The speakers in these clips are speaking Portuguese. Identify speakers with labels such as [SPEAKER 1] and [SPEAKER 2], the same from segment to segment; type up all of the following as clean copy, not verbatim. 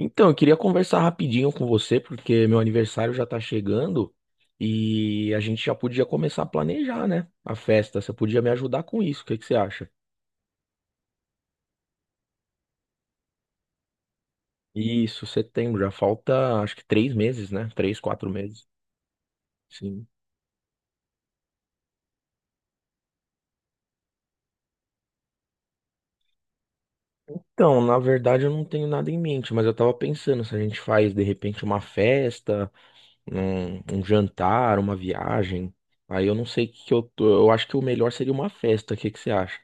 [SPEAKER 1] Então, eu queria conversar rapidinho com você, porque meu aniversário já tá chegando e a gente já podia começar a planejar, né? A festa. Você podia me ajudar com isso, o que que você acha? Isso, setembro, já falta acho que 3 meses, né? Três, quatro meses. Sim. Então, na verdade, eu não tenho nada em mente, mas eu tava pensando se a gente faz de repente uma festa, um jantar, uma viagem. Aí eu não sei o que que eu tô. Eu acho que o melhor seria uma festa. O que que você acha?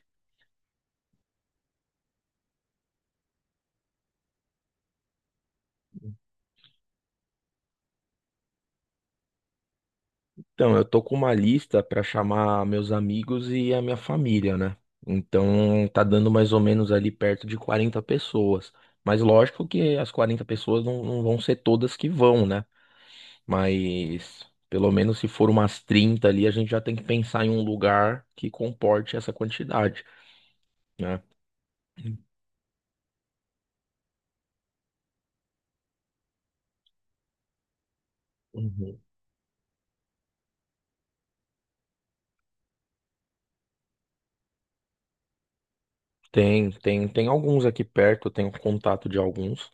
[SPEAKER 1] Então, eu tô com uma lista para chamar meus amigos e a minha família, né? Então, tá dando mais ou menos ali perto de 40 pessoas. Mas lógico que as 40 pessoas não vão ser todas que vão, né? Mas pelo menos se for umas 30 ali, a gente já tem que pensar em um lugar que comporte essa quantidade, né? Uhum. Tem alguns aqui perto, eu tenho contato de alguns.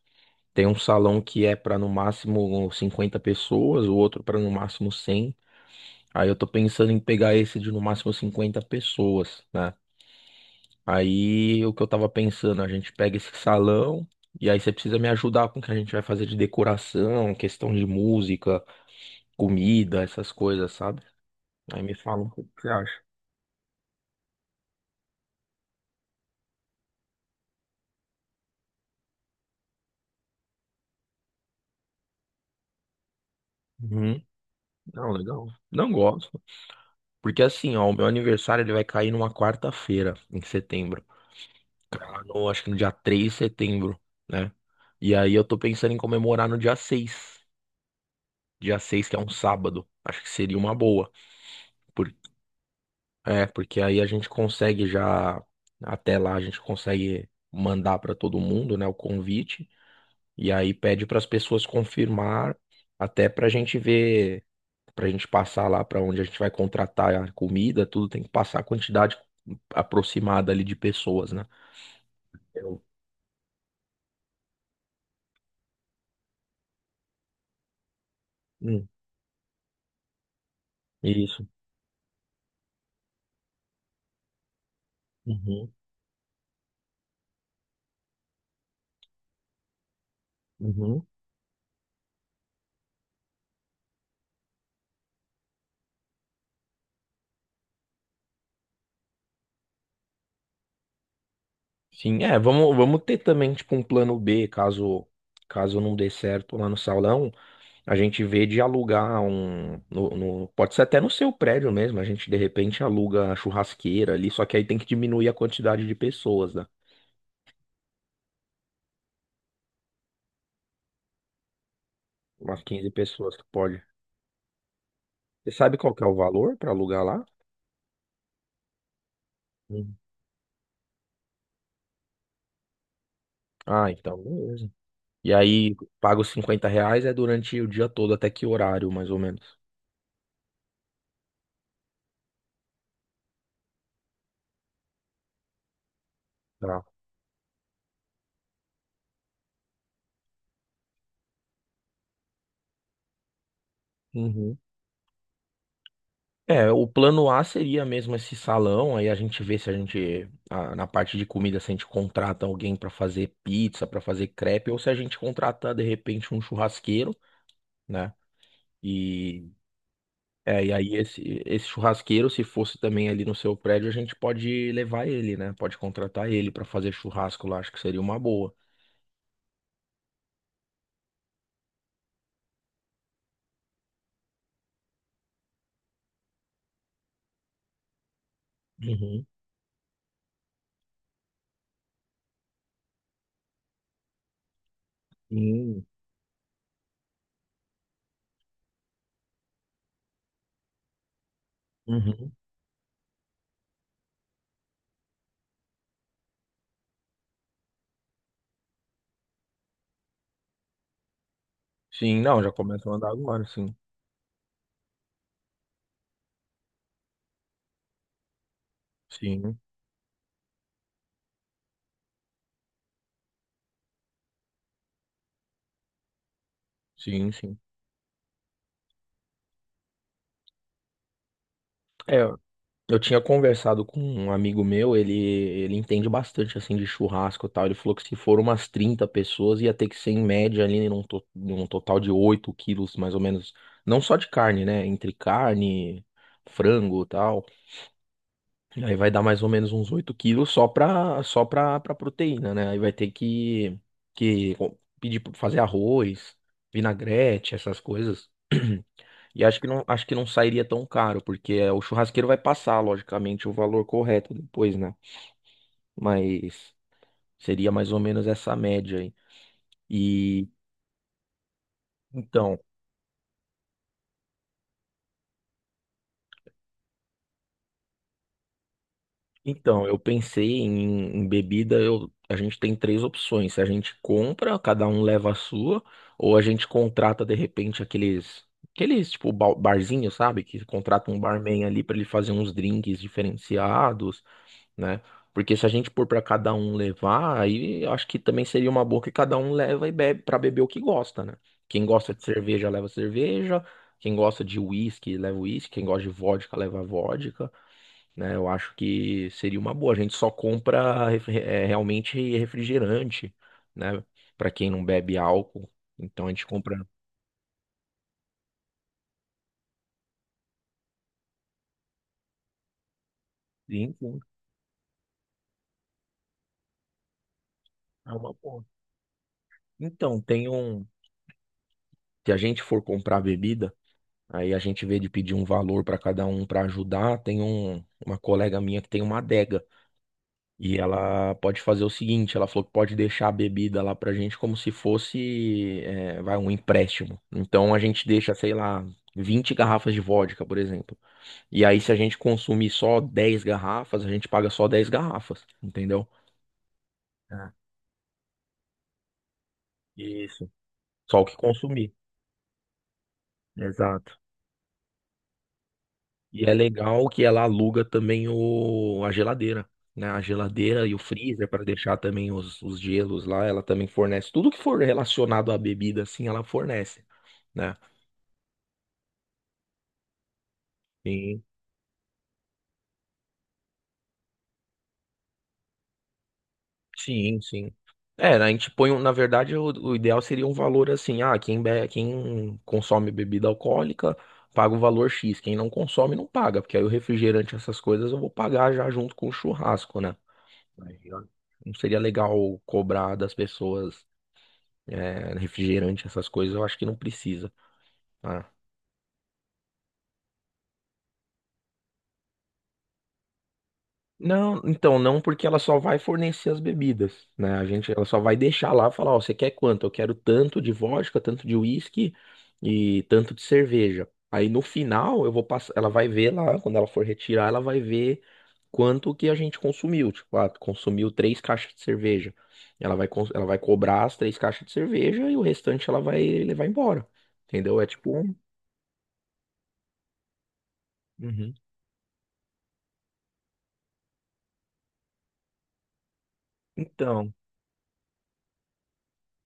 [SPEAKER 1] Tem um salão que é para no máximo 50 pessoas, o outro para no máximo 100. Aí eu tô pensando em pegar esse de no máximo 50 pessoas, né? Aí o que eu tava pensando, a gente pega esse salão e aí você precisa me ajudar com o que a gente vai fazer de decoração, questão de música, comida, essas coisas, sabe? Aí me fala um pouco o que você acha. Uhum. Não, legal. Não gosto. Porque assim, ó, o meu aniversário ele vai cair numa quarta-feira, em setembro. Cai no- Acho que no dia 3 de setembro, né? E aí eu tô pensando em comemorar no dia 6. Dia 6 que é um sábado. Acho que seria uma boa. Por- Porque aí a gente consegue já, até lá a gente consegue mandar para todo mundo, né, o convite, e aí pede para as pessoas confirmar, até para a gente ver, para a gente passar lá para onde a gente vai contratar a comida, tudo tem que passar a quantidade aproximada ali de pessoas, né? Eu- Hum, isso. Uhum, uhum. Sim, é, vamos ter também, tipo, um plano B, caso não dê certo lá no salão. A gente vê de alugar um. Pode ser até no seu prédio mesmo. A gente de repente aluga a churrasqueira ali, só que aí tem que diminuir a quantidade de pessoas, né? Umas 15 pessoas que pode. Você sabe qual que é o valor para alugar lá? Hum. Ah, então, beleza. E aí, paga os 50 reais é durante o dia todo, até que horário, mais ou menos? Tá. Uhum. É, o plano A seria mesmo esse salão, aí a gente vê se a gente, na parte de comida, se a gente contrata alguém pra fazer pizza, pra fazer crepe, ou se a gente contratar de repente um churrasqueiro, né? E, e aí esse churrasqueiro, se fosse também ali no seu prédio, a gente pode levar ele, né? Pode contratar ele pra fazer churrasco lá, acho que seria uma boa. Uhum. Sim. Uhum. Sim, não, já começa a andar agora, sim. Sim, sim, sim. É, eu tinha conversado com um amigo meu, ele entende bastante assim de churrasco e tal. Ele falou que se for umas 30 pessoas, ia ter que ser em média ali num total de 8 quilos, mais ou menos. Não só de carne, né? Entre carne, frango e tal. Aí vai dar mais ou menos uns 8 quilos pra proteína, né? Aí vai ter que pedir pra fazer arroz, vinagrete, essas coisas. E acho que não sairia tão caro, porque o churrasqueiro vai passar, logicamente, o valor correto depois, né? Mas seria mais ou menos essa média aí. E então. Então, eu pensei em bebida, a gente tem três opções. A gente compra, cada um leva a sua, ou a gente contrata de repente aqueles tipo barzinho, sabe? Que contrata um barman ali para ele fazer uns drinks diferenciados, né? Porque se a gente pôr para cada um levar, aí eu acho que também seria uma boa que cada um leva e bebe para beber o que gosta, né? Quem gosta de cerveja leva cerveja, quem gosta de uísque leva uísque, quem gosta de vodka leva vodka, né? Eu acho que seria uma boa. A gente só compra realmente refrigerante, né? Para quem não bebe álcool. Então a gente compra. Sim, sim. É uma boa. Então, tem um. Se a gente for comprar bebida, aí a gente vê de pedir um valor para cada um para ajudar. Tem uma colega minha que tem uma adega. E ela pode fazer o seguinte, ela falou que pode deixar a bebida lá pra gente como se fosse, vai, um empréstimo. Então a gente deixa, sei lá, 20 garrafas de vodka, por exemplo. E aí, se a gente consumir só 10 garrafas, a gente paga só 10 garrafas, entendeu? Ah, isso. Só o que consumir. Exato. E é legal que ela aluga também a geladeira, né? A geladeira e o freezer para deixar também os gelos lá. Ela também fornece tudo que for relacionado à bebida, assim, ela fornece, né? Sim, sim. É, a gente põe, na verdade, o ideal seria um valor assim, ah, quem consome bebida alcoólica paga o valor X, quem não consome não paga, porque aí o refrigerante, essas coisas eu vou pagar já junto com o churrasco, né? Aí, ó, não seria legal cobrar das pessoas refrigerante, essas coisas, eu acho que não precisa. Tá? Não, então não, porque ela só vai fornecer as bebidas, né? Ela só vai deixar lá, falar, ó, você quer quanto? Eu quero tanto de vodka, tanto de uísque e tanto de cerveja. Aí no final eu vou passar, ela vai ver lá, quando ela for retirar, ela vai ver quanto que a gente consumiu. Tipo, ah, consumiu três caixas de cerveja. Ela vai cobrar as três caixas de cerveja e o restante ela vai levar embora. Entendeu? É tipo. Uhum. Então,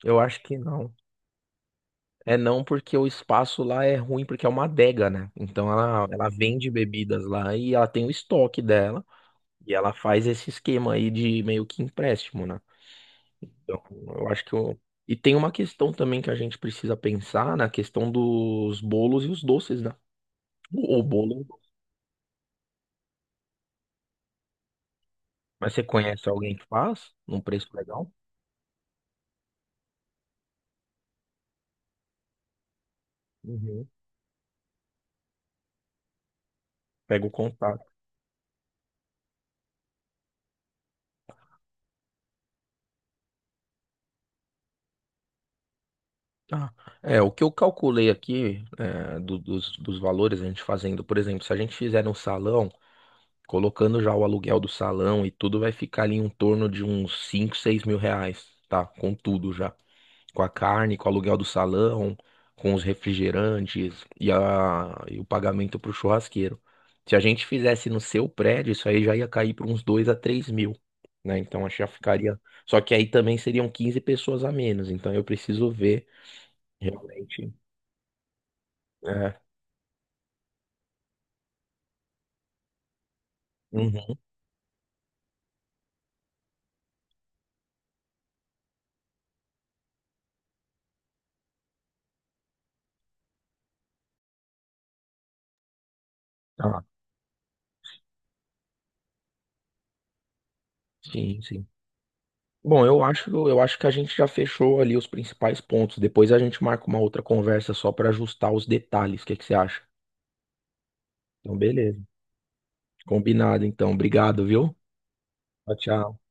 [SPEAKER 1] eu acho que não. É não porque o espaço lá é ruim, porque é uma adega, né? Então ela vende bebidas lá e ela tem o estoque dela e ela faz esse esquema aí de meio que empréstimo, né? Então eu acho que eu... E tem uma questão também que a gente precisa pensar na questão dos bolos e os doces, né? O bolo, mas você conhece alguém que faz num preço legal? Uhum. Pega o contato. Tá. É, o que eu calculei aqui é, dos valores, a gente fazendo, por exemplo, se a gente fizer no salão. Colocando já o aluguel do salão e tudo, vai ficar ali em torno de uns 5, 6 mil reais, tá? Com tudo já. Com a carne, com o aluguel do salão, com os refrigerantes e o pagamento pro churrasqueiro. Se a gente fizesse no seu prédio, isso aí já ia cair para uns 2 a 3 mil, né? Então acho que já ficaria. Só que aí também seriam 15 pessoas a menos, então eu preciso ver realmente. É. Uhum. Ah, sim, sim. Bom, eu acho que a gente já fechou ali os principais pontos. Depois a gente marca uma outra conversa só para ajustar os detalhes. O que que você acha? Então, beleza. Combinado, então. Obrigado, viu? Tchau, tchau.